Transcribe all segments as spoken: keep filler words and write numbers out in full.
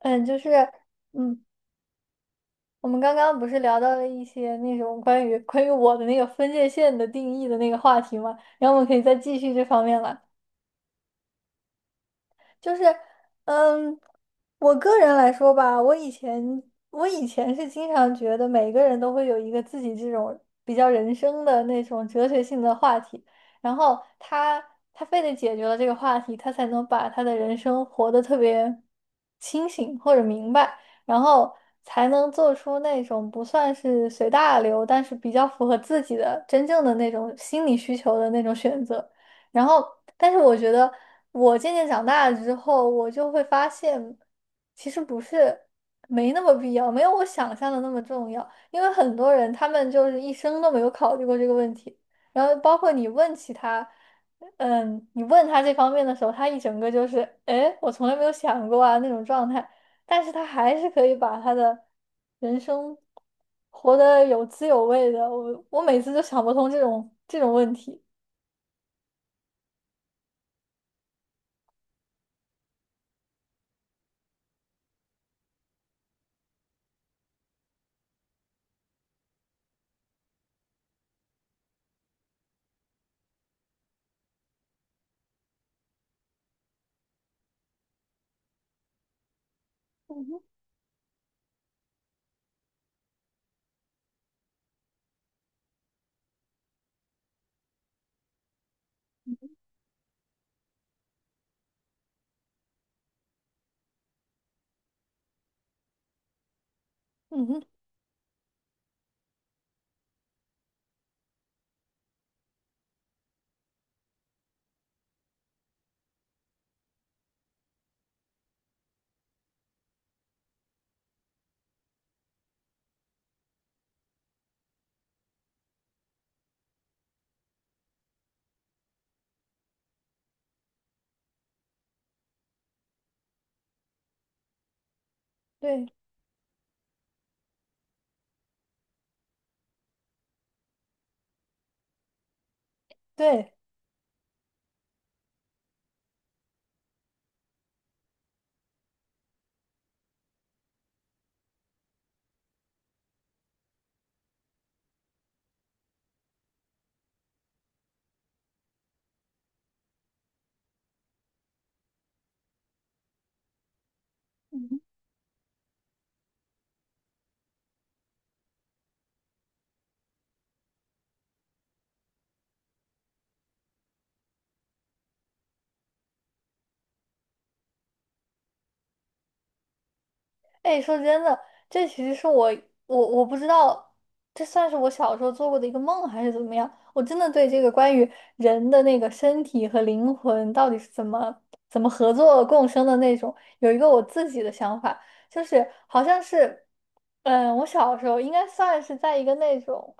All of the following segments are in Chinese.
嗯，就是，嗯，我们刚刚不是聊到了一些那种关于关于我的那个分界线的定义的那个话题嘛，然后我们可以再继续这方面了。就是，嗯，我个人来说吧，我以前我以前是经常觉得每个人都会有一个自己这种比较人生的那种哲学性的话题，然后他他非得解决了这个话题，他才能把他的人生活得特别清醒或者明白，然后才能做出那种不算是随大流，但是比较符合自己的真正的那种心理需求的那种选择。然后，但是我觉得我渐渐长大了之后，我就会发现，其实不是没那么必要，没有我想象的那么重要。因为很多人他们就是一生都没有考虑过这个问题，然后包括你问起他，嗯，你问他这方面的时候，他一整个就是，诶，我从来没有想过啊那种状态，但是他还是可以把他的人生活得有滋有味的。我我每次就想不通这种这种问题。嗯哼。嗯哼，对对，嗯，哎，说真的，这其实是我我我不知道，这算是我小时候做过的一个梦还是怎么样？我真的对这个关于人的那个身体和灵魂到底是怎么怎么合作共生的那种，有一个我自己的想法，就是好像是，嗯，我小时候应该算是在一个那种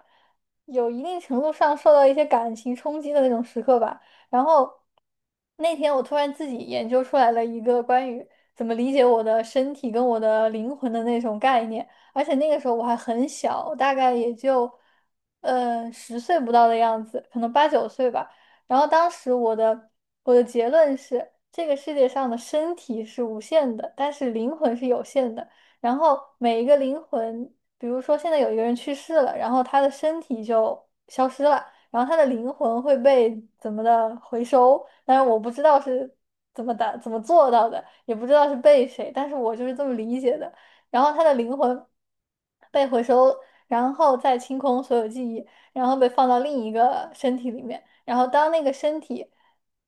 有一定程度上受到一些感情冲击的那种时刻吧。然后那天我突然自己研究出来了一个关于。怎么理解我的身体跟我的灵魂的那种概念。而且那个时候我还很小，大概也就呃十岁不到的样子，可能八九岁吧。然后当时我的我的结论是，这个世界上的身体是无限的，但是灵魂是有限的。然后每一个灵魂，比如说现在有一个人去世了，然后他的身体就消失了。然后他的灵魂会被怎么的回收，但是我不知道是怎么的怎么做到的，也不知道是被谁，但是我就是这么理解的。然后他的灵魂被回收，然后再清空所有记忆，然后被放到另一个身体里面，然后当那个身体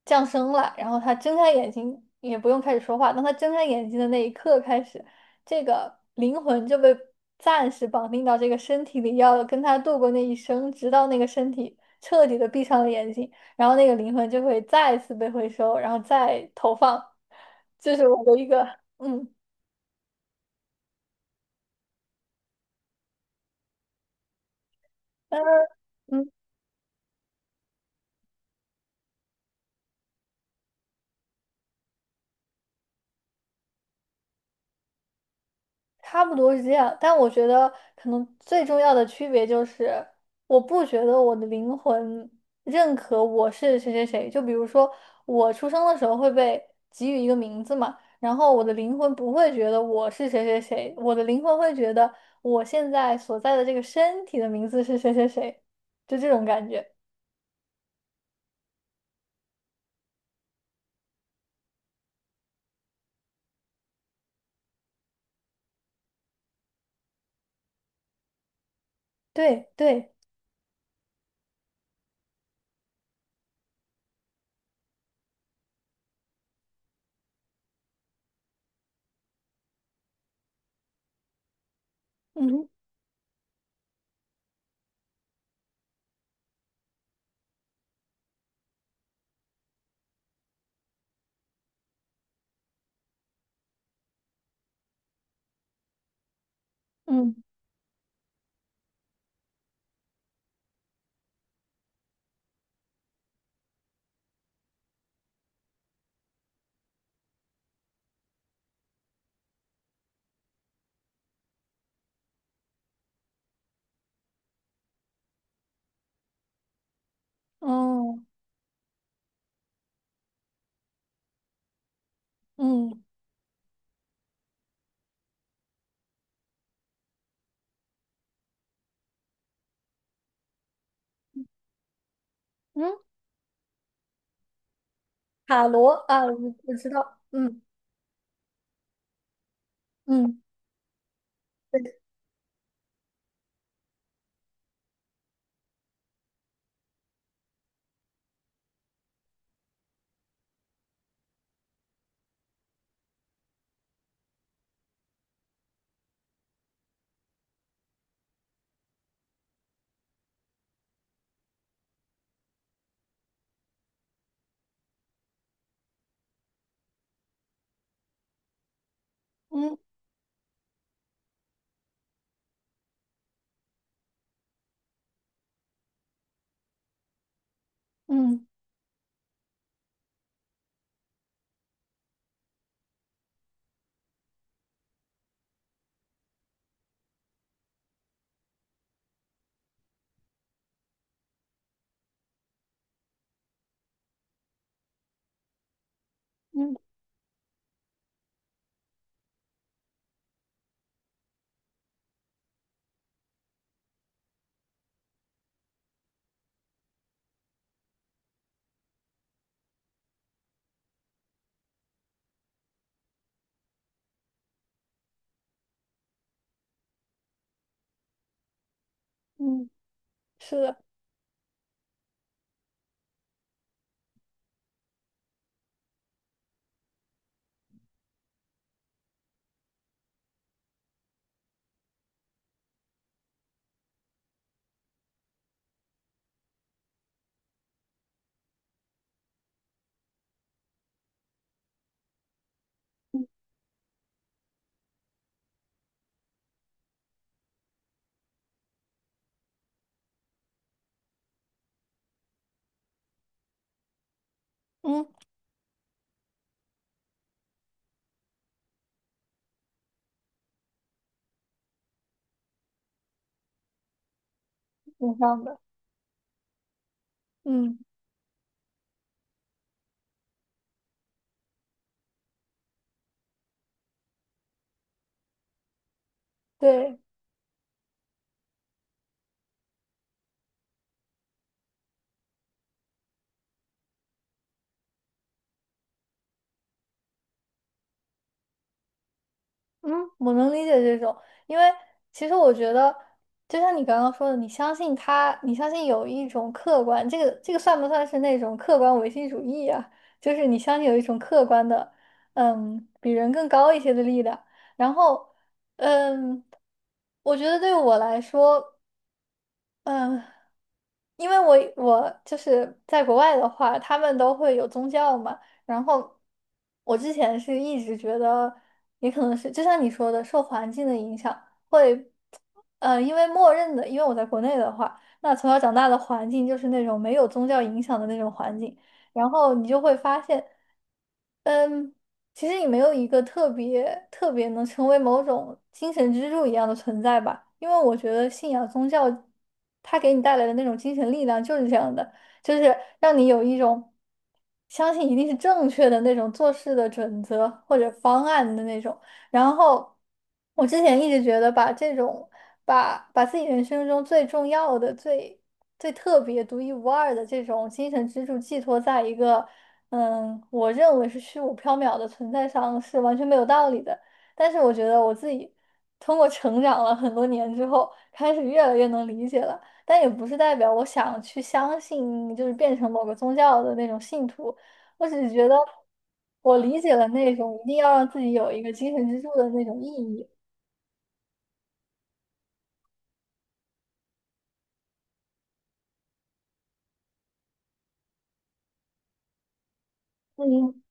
降生了，然后他睁开眼睛，也不用开始说话，当他睁开眼睛的那一刻开始，这个灵魂就被暂时绑定到这个身体里，要跟他度过那一生，直到那个身体彻底的闭上了眼睛，然后那个灵魂就会再次被回收，然后再投放。这是我的一个，嗯嗯，差不多是这样。但我觉得可能最重要的区别就是，我不觉得我的灵魂认可我是谁谁谁。就比如说，我出生的时候会被给予一个名字嘛，然后我的灵魂不会觉得我是谁谁谁，我的灵魂会觉得我现在所在的这个身体的名字是谁谁谁，就这种感觉。对对，嗯嗯，哦，嗯嗯，塔罗啊，我我知道，嗯嗯，对，嗯嗯嗯嗯，是的，嗯，挺像的，嗯，对。嗯，我能理解这种，因为其实我觉得，就像你刚刚说的，你相信他，你相信有一种客观，这个这个算不算是那种客观唯心主义啊？就是你相信有一种客观的，嗯，比人更高一些的力量。然后，嗯，我觉得对我来说。嗯，因为我我就是在国外的话，他们都会有宗教嘛。然后我之前是一直觉得，也可能是就像你说的，受环境的影响会，呃，因为默认的，因为我在国内的话，那从小长大的环境就是那种没有宗教影响的那种环境，然后你就会发现。嗯，其实你没有一个特别特别能成为某种精神支柱一样的存在吧，因为我觉得信仰宗教，它给你带来的那种精神力量就是这样的，就是让你有一种相信一定是正确的那种做事的准则或者方案的那种。然后我之前一直觉得把这种把把自己人生中最重要的最。最特别、独一无二的这种精神支柱寄托在一个嗯，我认为是虚无缥缈的存在上是完全没有道理的。但是我觉得我自己通过成长了很多年之后，开始越来越能理解了。但也不是代表我想去相信，就是变成某个宗教的那种信徒。我只是觉得我理解了那种一定要让自己有一个精神支柱的那种意义。嗯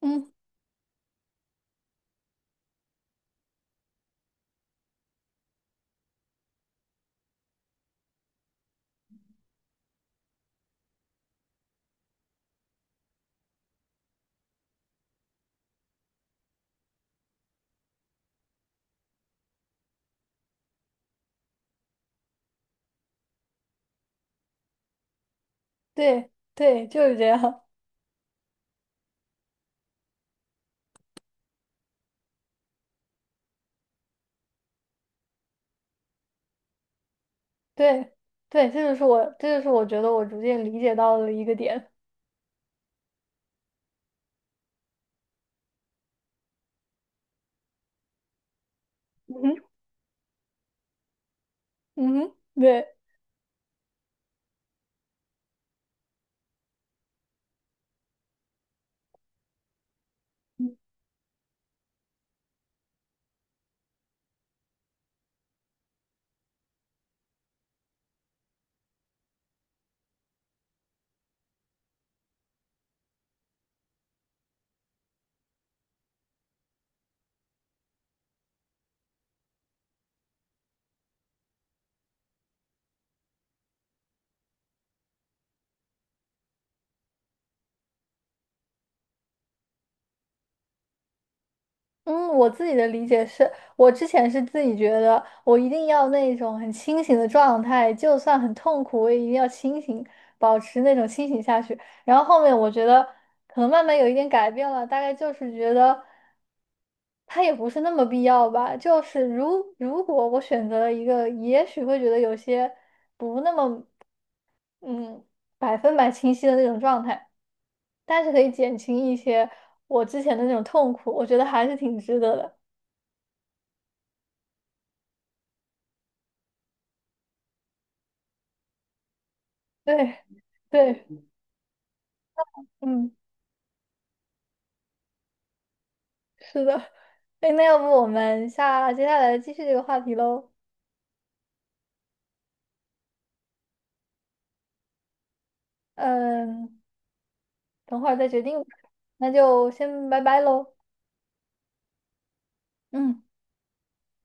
嗯，对对，就是这样。对对，这就是我，这就是我觉得我逐渐理解到的一个点。嗯哼，嗯哼，对。嗯，我自己的理解是，我之前是自己觉得我一定要那种很清醒的状态，就算很痛苦，我也一定要清醒，保持那种清醒下去。然后后面我觉得可能慢慢有一点改变了，大概就是觉得它也不是那么必要吧。就是如如果我选择了一个，也许会觉得有些不那么嗯百分百清晰的那种状态，但是可以减轻一些我之前的那种痛苦，我觉得还是挺值得的。对对。嗯，是的。哎，那要不我们下接下来继续这个话题喽？嗯，等会儿再决定吧。那就先拜拜喽。嗯。